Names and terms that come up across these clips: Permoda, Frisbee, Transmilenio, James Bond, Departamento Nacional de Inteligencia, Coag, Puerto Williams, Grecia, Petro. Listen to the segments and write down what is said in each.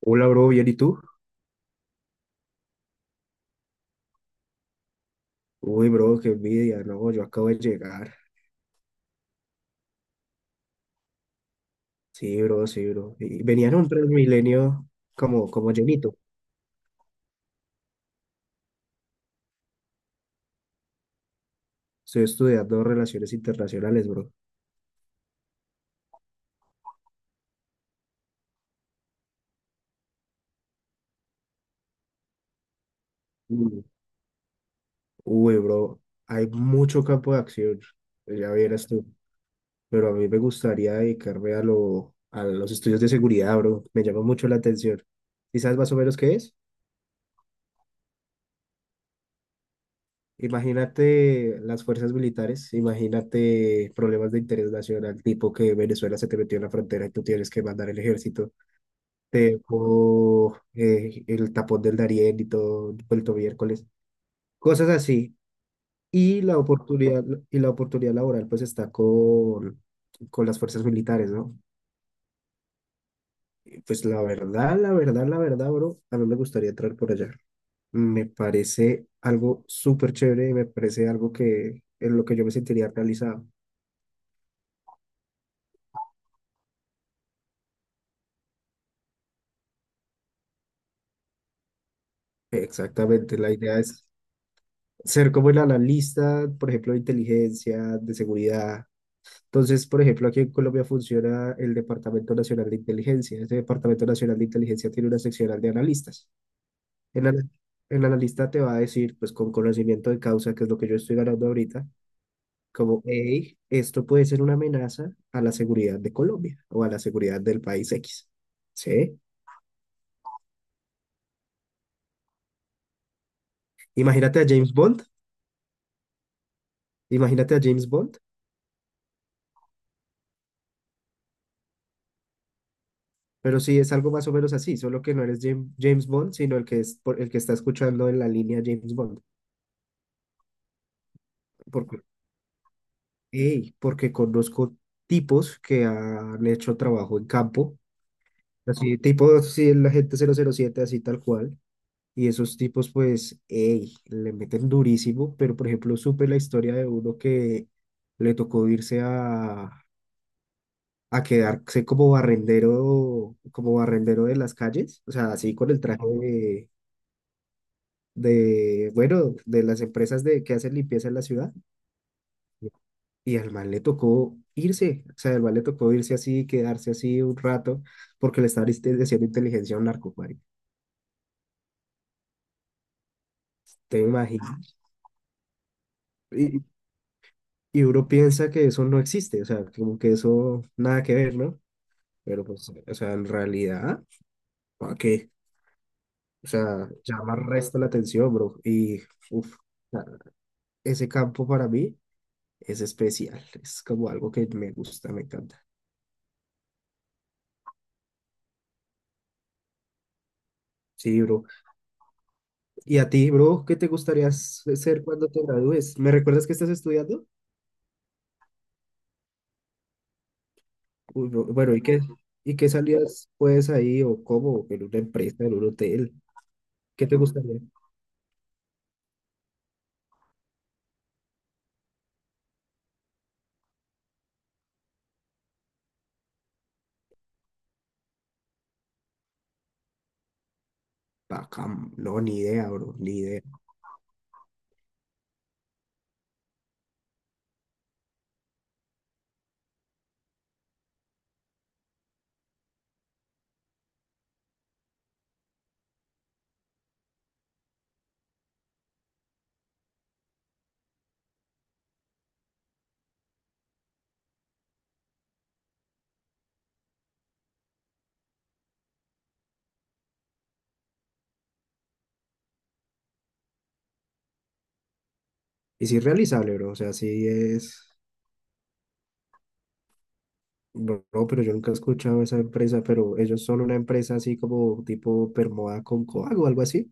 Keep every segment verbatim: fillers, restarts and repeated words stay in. Hola, bro, ¿bien y tú? Uy, bro, qué envidia, no, yo acabo de llegar. Sí, bro, sí, bro. Y venía en un Transmilenio como, como llenito. Estoy estudiando relaciones internacionales, bro. Mm. Uy, bro, hay mucho campo de acción, ya vieras tú. Pero a mí me gustaría dedicarme a, lo, a los estudios de seguridad, bro. Me llama mucho la atención. ¿Y sabes más o menos qué es? Imagínate las fuerzas militares, imagínate problemas de interés nacional, tipo que Venezuela se te metió en la frontera y tú tienes que mandar el ejército, te dejó eh, el tapón del Darién y todo vuelto miércoles, cosas así. Y la oportunidad, y la oportunidad laboral pues está con, con las fuerzas militares, ¿no? Y, Pues la verdad, la verdad, la verdad, bro, a mí me gustaría entrar por allá. Me parece algo súper chévere y me parece algo que en lo que yo me sentiría realizado. Exactamente, la idea es ser como el analista, por ejemplo, de inteligencia, de seguridad. Entonces, por ejemplo, aquí en Colombia funciona el Departamento Nacional de Inteligencia. Este Departamento Nacional de Inteligencia tiene una seccional de analistas. El, ana- el analista te va a decir, pues con conocimiento de causa, que es lo que yo estoy ganando ahorita, como, hey, esto puede ser una amenaza a la seguridad de Colombia o a la seguridad del país X. ¿Sí? Imagínate a James Bond. Imagínate a James Bond. Pero sí, es algo más o menos así, solo que no eres Jam- James Bond, sino el que es por- el que está escuchando en la línea James Bond. Porque, ey, porque conozco tipos que han hecho trabajo en campo, así tipo sí, la gente cero cero siete, así tal cual. Y esos tipos, pues, ey, le meten durísimo. Pero, por ejemplo, supe la historia de uno que le tocó irse a, a quedarse como barrendero, como barrendero de las calles, o sea, así con el traje de, bueno, de las empresas de, que hacen limpieza en la ciudad. Y al man le tocó irse, o sea, al man le tocó irse así, quedarse así un rato, porque le estaba diste- haciendo inteligencia a un narco, marica. Te imaginas. Y, y uno piensa que eso no existe, o sea, como que eso nada que ver, ¿no? Pero pues, o sea, en realidad, ¿para qué? O sea, llama resto la atención, bro. Y, uff, ese campo para mí es especial, es como algo que me gusta, me encanta. Sí, bro. Y a ti, bro, ¿qué te gustaría s- ser cuando te gradúes? ¿Me recuerdas que estás estudiando? Uy, bu- bueno, ¿y qué, ¿y qué salidas puedes ahí o cómo? ¿En una empresa, en un hotel? ¿Qué te gustaría? Bacán, no, ni idea, bro, ni idea. Y sí es realizable, bro, o sea, sí es... Bro, pero yo nunca he escuchado esa empresa, pero ellos son una empresa así como tipo Permoda con Coag o algo así.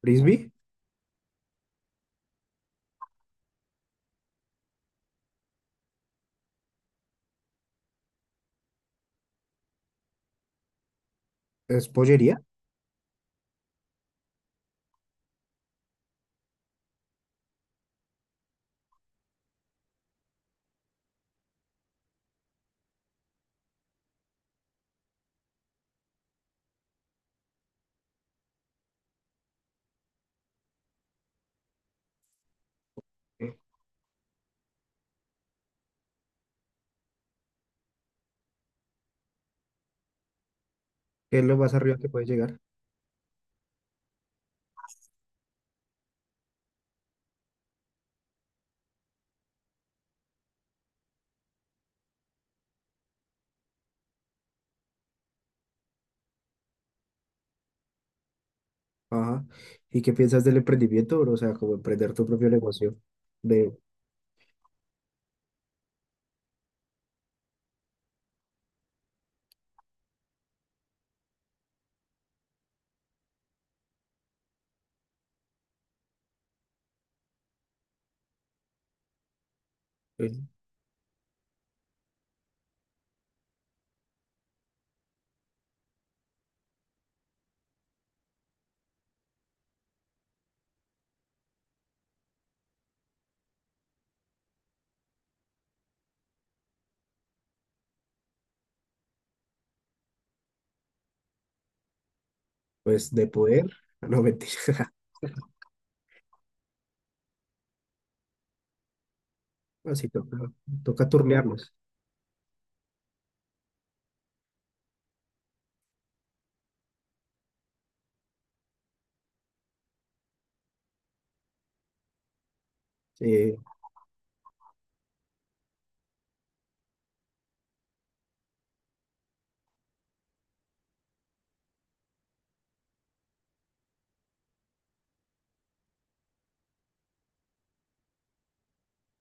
Frisbee, es pollería, que es lo más arriba que puede llegar. Ajá. ¿Y qué piensas del emprendimiento, bro? O sea, como emprender tu propio negocio de, eh, pues, de poder. No, mentira. Así toca, toca turnearnos. Eh,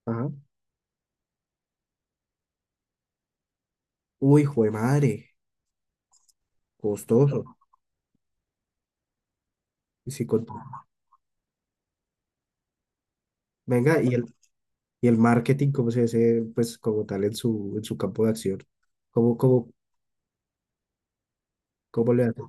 ajá. Uy, hijo de madre, costoso. Sí, con- Venga, y el, y el marketing, ¿cómo se dice, pues, como tal en su, en su campo de acción? ¿Cómo, cómo, ¿cómo le haces?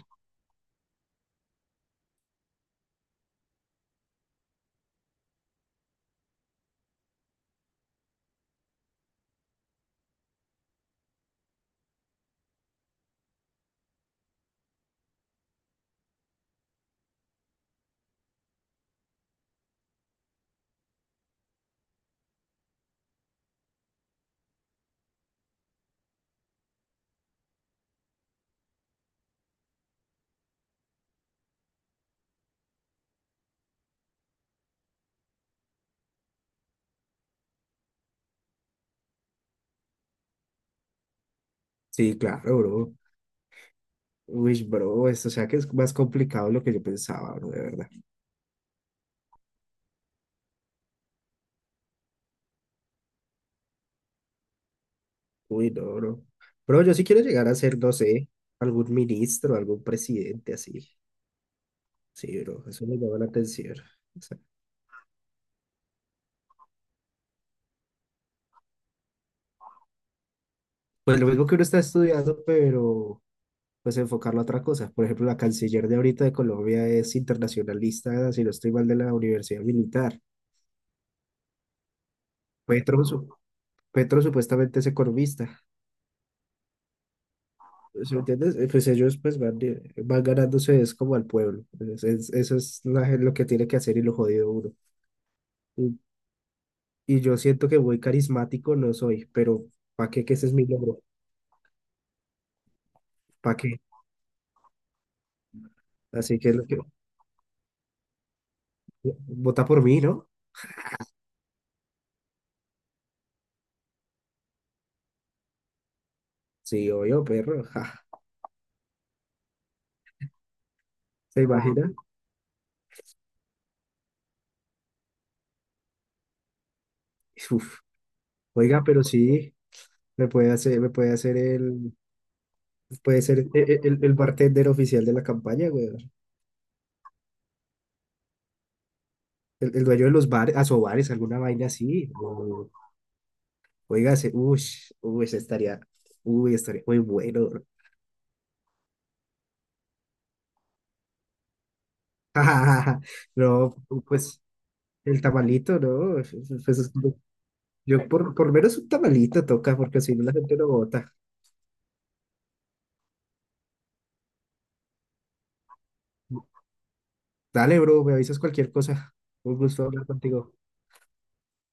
Sí, claro, bro. Uy, bro, esto, o sea, que es más complicado de lo que yo pensaba, bro, de verdad. Uy, no, bro. Bro, yo sí quiero llegar a ser, no sé, algún ministro, algún presidente así. Sí, bro, eso me llama la atención. O sea, pues lo mismo que uno está estudiando, pero pues enfocarlo a otra cosa. Por ejemplo, la canciller de ahorita de Colombia es internacionalista, si no estoy mal, de la Universidad Militar. Petro, su- Petro supuestamente es economista. ¿Sí me entiendes? Eh, Pues ellos pues van, eh, van ganándose es como al pueblo. Es- es- eso es la gen- lo que tiene que hacer y lo jodido uno. Y yo siento que muy carismático no soy, pero ¿para qué? Que ese es mi logro. ¿Para qué? Así que, lo que, vota por mí, ¿no? Sí, obvio, perro. Ja, ¿se imagina? Uf. Oiga, pero sí, me puede hacer, me puede hacer el, puede ser el, el, el bartender oficial de la campaña, güey. El, el dueño de los bares, asobares, alguna vaina así. No. Oiga, se, uy, uy, se estaría, uy, estaría muy bueno. No, pues el tamalito, ¿no? Pues, yo por, por lo menos un tamalito toca, porque si no la gente lo bota. Dale, bro, me avisas cualquier cosa. Un gusto hablar contigo.